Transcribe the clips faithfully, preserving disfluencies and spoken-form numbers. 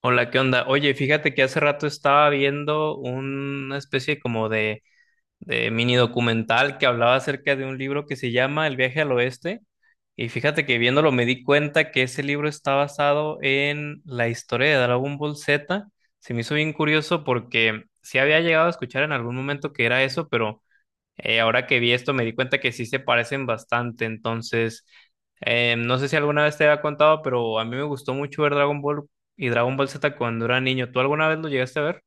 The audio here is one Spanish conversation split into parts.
Hola, ¿qué onda? Oye, fíjate que hace rato estaba viendo una especie como de, de mini documental que hablaba acerca de un libro que se llama El viaje al oeste. Y fíjate que viéndolo me di cuenta que ese libro está basado en la historia de Dragon Ball Z. Se me hizo bien curioso porque sí había llegado a escuchar en algún momento que era eso, pero eh, ahora que vi esto me di cuenta que sí se parecen bastante. Entonces eh, no sé si alguna vez te había contado, pero a mí me gustó mucho ver Dragon Ball y Dragon Ball Z cuando era niño. ¿Tú alguna vez lo llegaste a ver?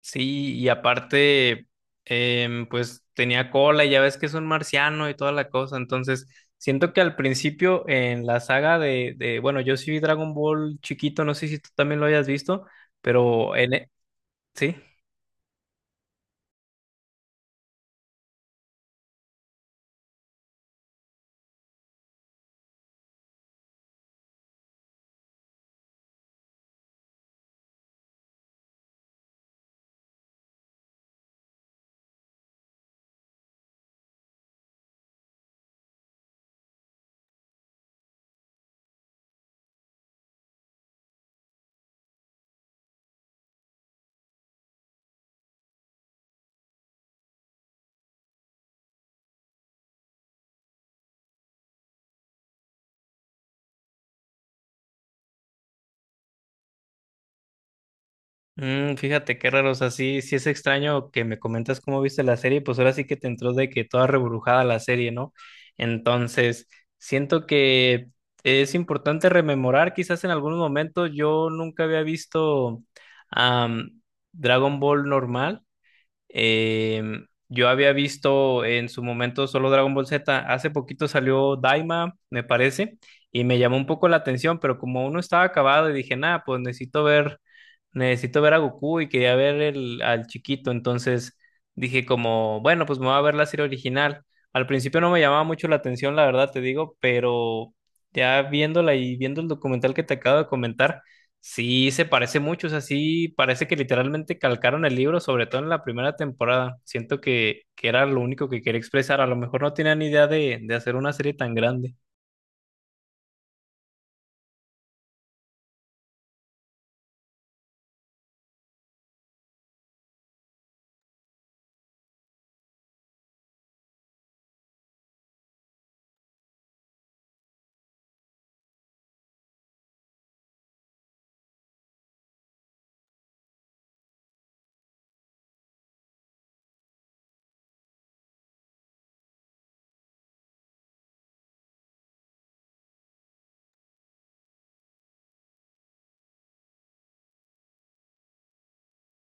Sí, y aparte, em, pues tenía cola y ya ves que es un marciano y toda la cosa. Entonces siento que al principio en la saga de, de bueno, yo sí vi Dragon Ball chiquito, no sé si tú también lo hayas visto, pero en... e- Sí. Mm, fíjate qué raro, o sea, sí, sí es extraño que me comentas cómo viste la serie, pues ahora sí que te entró de que toda rebrujada la serie, ¿no? Entonces, siento que es importante rememorar, quizás en algún momento yo nunca había visto am, Dragon Ball normal. eh, yo había visto en su momento solo Dragon Ball Z. Hace poquito salió Daima, me parece, y me llamó un poco la atención, pero como uno estaba acabado y dije, nada, pues necesito ver, necesito ver a Goku y quería ver el, al chiquito. Entonces dije como, bueno, pues me voy a ver la serie original. Al principio no me llamaba mucho la atención, la verdad te digo, pero ya viéndola y viendo el documental que te acabo de comentar, sí, se parece mucho. O sea, sí, parece que literalmente calcaron el libro, sobre todo en la primera temporada. Siento que, que era lo único que quería expresar. A lo mejor no tenían idea de, de hacer una serie tan grande.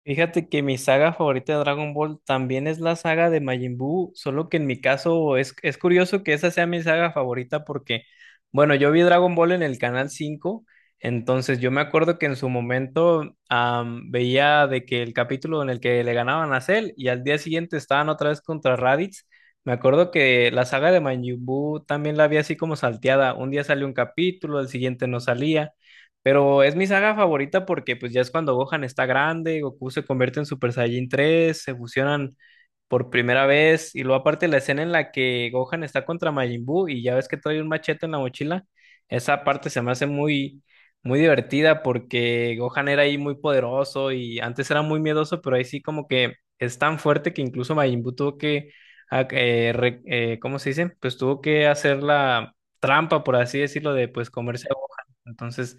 Fíjate que mi saga favorita de Dragon Ball también es la saga de Majin Buu, solo que en mi caso es, es curioso que esa sea mi saga favorita porque, bueno, yo vi Dragon Ball en el Canal cinco. Entonces yo me acuerdo que en su momento am, veía de que el capítulo en el que le ganaban a Cell y al día siguiente estaban otra vez contra Raditz. Me acuerdo que la saga de Majin Buu también la vi así como salteada, un día salió un capítulo, el siguiente no salía. Pero es mi saga favorita porque pues ya es cuando Gohan está grande, Goku se convierte en Super Saiyajin tres, se fusionan por primera vez y luego aparte la escena en la que Gohan está contra Majin Buu y ya ves que trae un machete en la mochila. Esa parte se me hace muy muy divertida porque Gohan era ahí muy poderoso y antes era muy miedoso, pero ahí sí como que es tan fuerte que incluso Majin Buu tuvo que ah, eh, re- eh, ¿cómo se dice? Pues tuvo que hacer la trampa, por así decirlo, de pues comerse a Gohan. Entonces.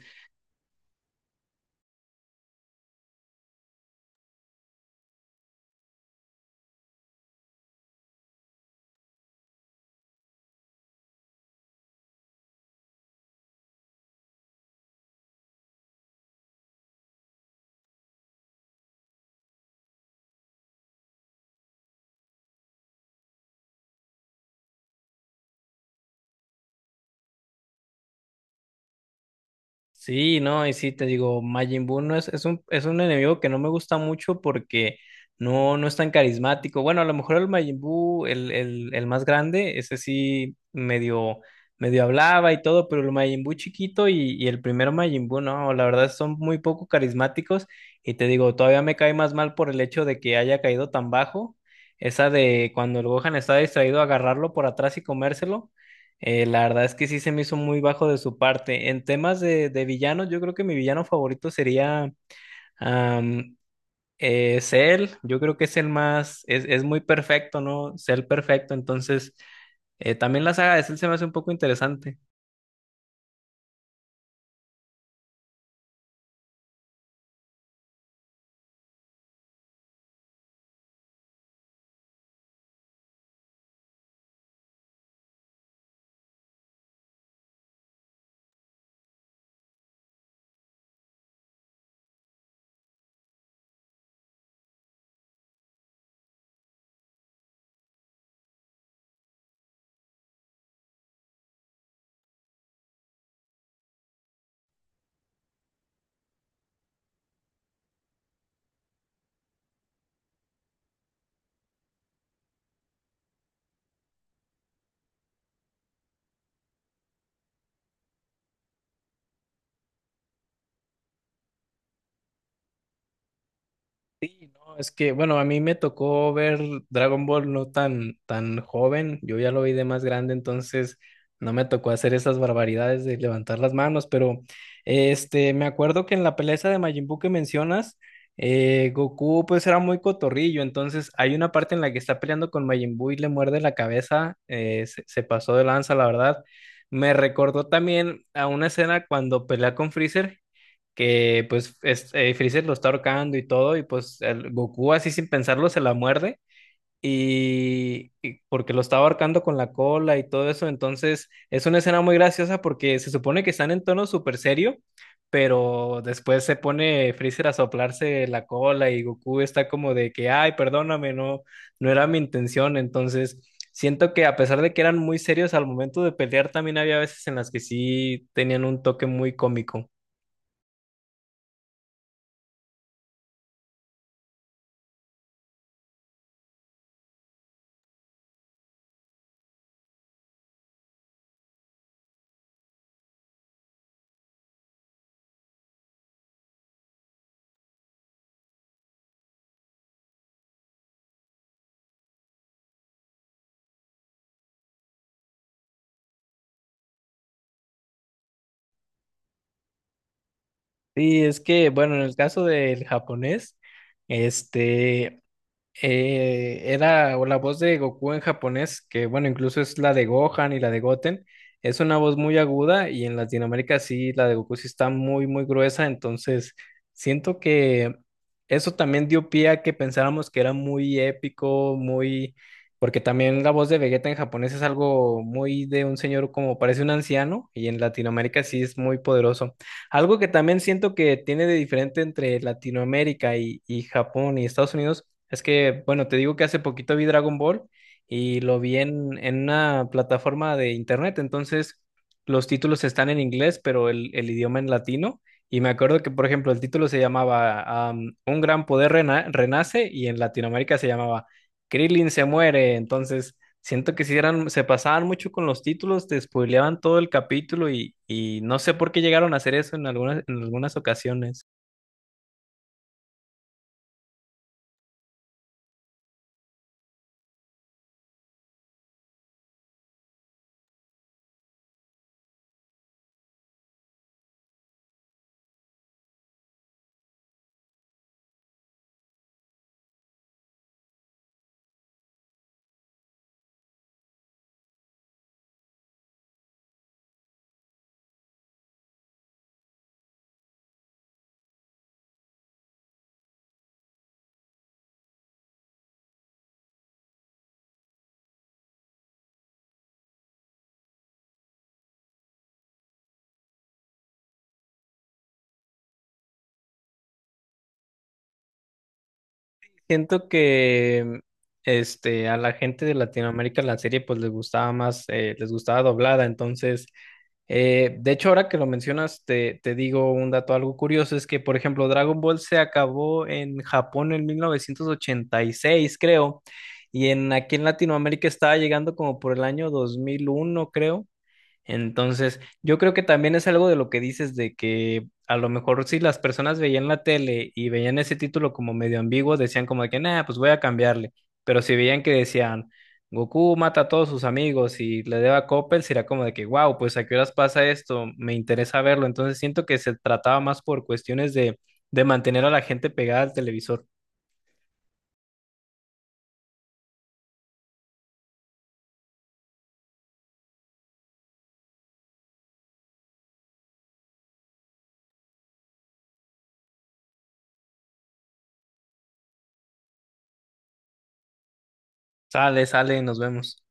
Sí, no, y sí te digo, Majin Buu no es, es un, es un enemigo que no me gusta mucho porque no, no es tan carismático. Bueno, a lo mejor el Majin Buu, el, el, el más grande, ese sí medio, medio hablaba y todo, pero el Majin Buu chiquito y, y el primero Majin Buu, no, la verdad son muy poco carismáticos. Y te digo, todavía me cae más mal por el hecho de que haya caído tan bajo. Esa de cuando el Gohan está distraído, agarrarlo por atrás y comérselo. Eh, la verdad es que sí se me hizo muy bajo de su parte. En temas de, de villanos, yo creo que mi villano favorito sería am, eh, Cell. Yo creo que es el más, es, es muy perfecto, ¿no? Cell perfecto. Entonces, eh, también la saga de Cell se me hace un poco interesante. No, es que, bueno, a mí me tocó ver Dragon Ball no tan, tan joven, yo ya lo vi de más grande. Entonces no me tocó hacer esas barbaridades de levantar las manos, pero este, me acuerdo que en la pelea esa de Majin Buu que mencionas, eh, Goku pues era muy cotorrillo. Entonces hay una parte en la que está peleando con Majin Buu y le muerde la cabeza. eh, se, se pasó de lanza, la verdad. Me recordó también a una escena cuando pelea con Freezer, que pues es, eh, Freezer lo está ahorcando y todo, y pues el Goku así sin pensarlo se la muerde, y, y porque lo estaba ahorcando con la cola y todo eso. Entonces es una escena muy graciosa porque se supone que están en tono súper serio, pero después se pone Freezer a soplarse la cola y Goku está como de que, ay, perdóname, no, no era mi intención, entonces siento que a pesar de que eran muy serios al momento de pelear, también había veces en las que sí tenían un toque muy cómico. Sí, es que, bueno, en el caso del japonés, este, eh, era o la voz de Goku en japonés, que bueno, incluso es la de Gohan y la de Goten, es una voz muy aguda y en Latinoamérica sí, la de Goku sí está muy, muy gruesa. Entonces siento que eso también dio pie a que pensáramos que era muy épico, muy, porque también la voz de Vegeta en japonés es algo muy de un señor como parece un anciano y en Latinoamérica sí es muy poderoso. Algo que también siento que tiene de diferente entre Latinoamérica y, y Japón y Estados Unidos es que, bueno, te digo que hace poquito vi Dragon Ball y lo vi en, en una plataforma de internet. Entonces los títulos están en inglés, pero el, el idioma en latino. Y me acuerdo que, por ejemplo, el título se llamaba um, Un gran poder rena- renace y en Latinoamérica se llamaba Krillin se muere. Entonces, siento que si eran, se pasaban mucho con los títulos, te spoileaban todo el capítulo y, y no sé por qué llegaron a hacer eso en algunas, en algunas ocasiones. Siento que este, a la gente de Latinoamérica la serie pues les gustaba más, eh, les gustaba doblada. Entonces, eh, de hecho, ahora que lo mencionas, te, te digo un dato algo curioso, es que, por ejemplo, Dragon Ball se acabó en Japón en mil novecientos ochenta y seis creo, y en aquí en Latinoamérica estaba llegando como por el año dos mil uno creo. Entonces, yo creo que también es algo de lo que dices de que a lo mejor si las personas veían la tele y veían ese título como medio ambiguo, decían como de que, nah, pues voy a cambiarle. Pero si veían que decían, Goku mata a todos sus amigos y le debe a Coppel, será como de que, wow, pues a qué horas pasa esto, me interesa verlo. Entonces, siento que se trataba más por cuestiones de, de mantener a la gente pegada al televisor. Sale, sale, nos vemos.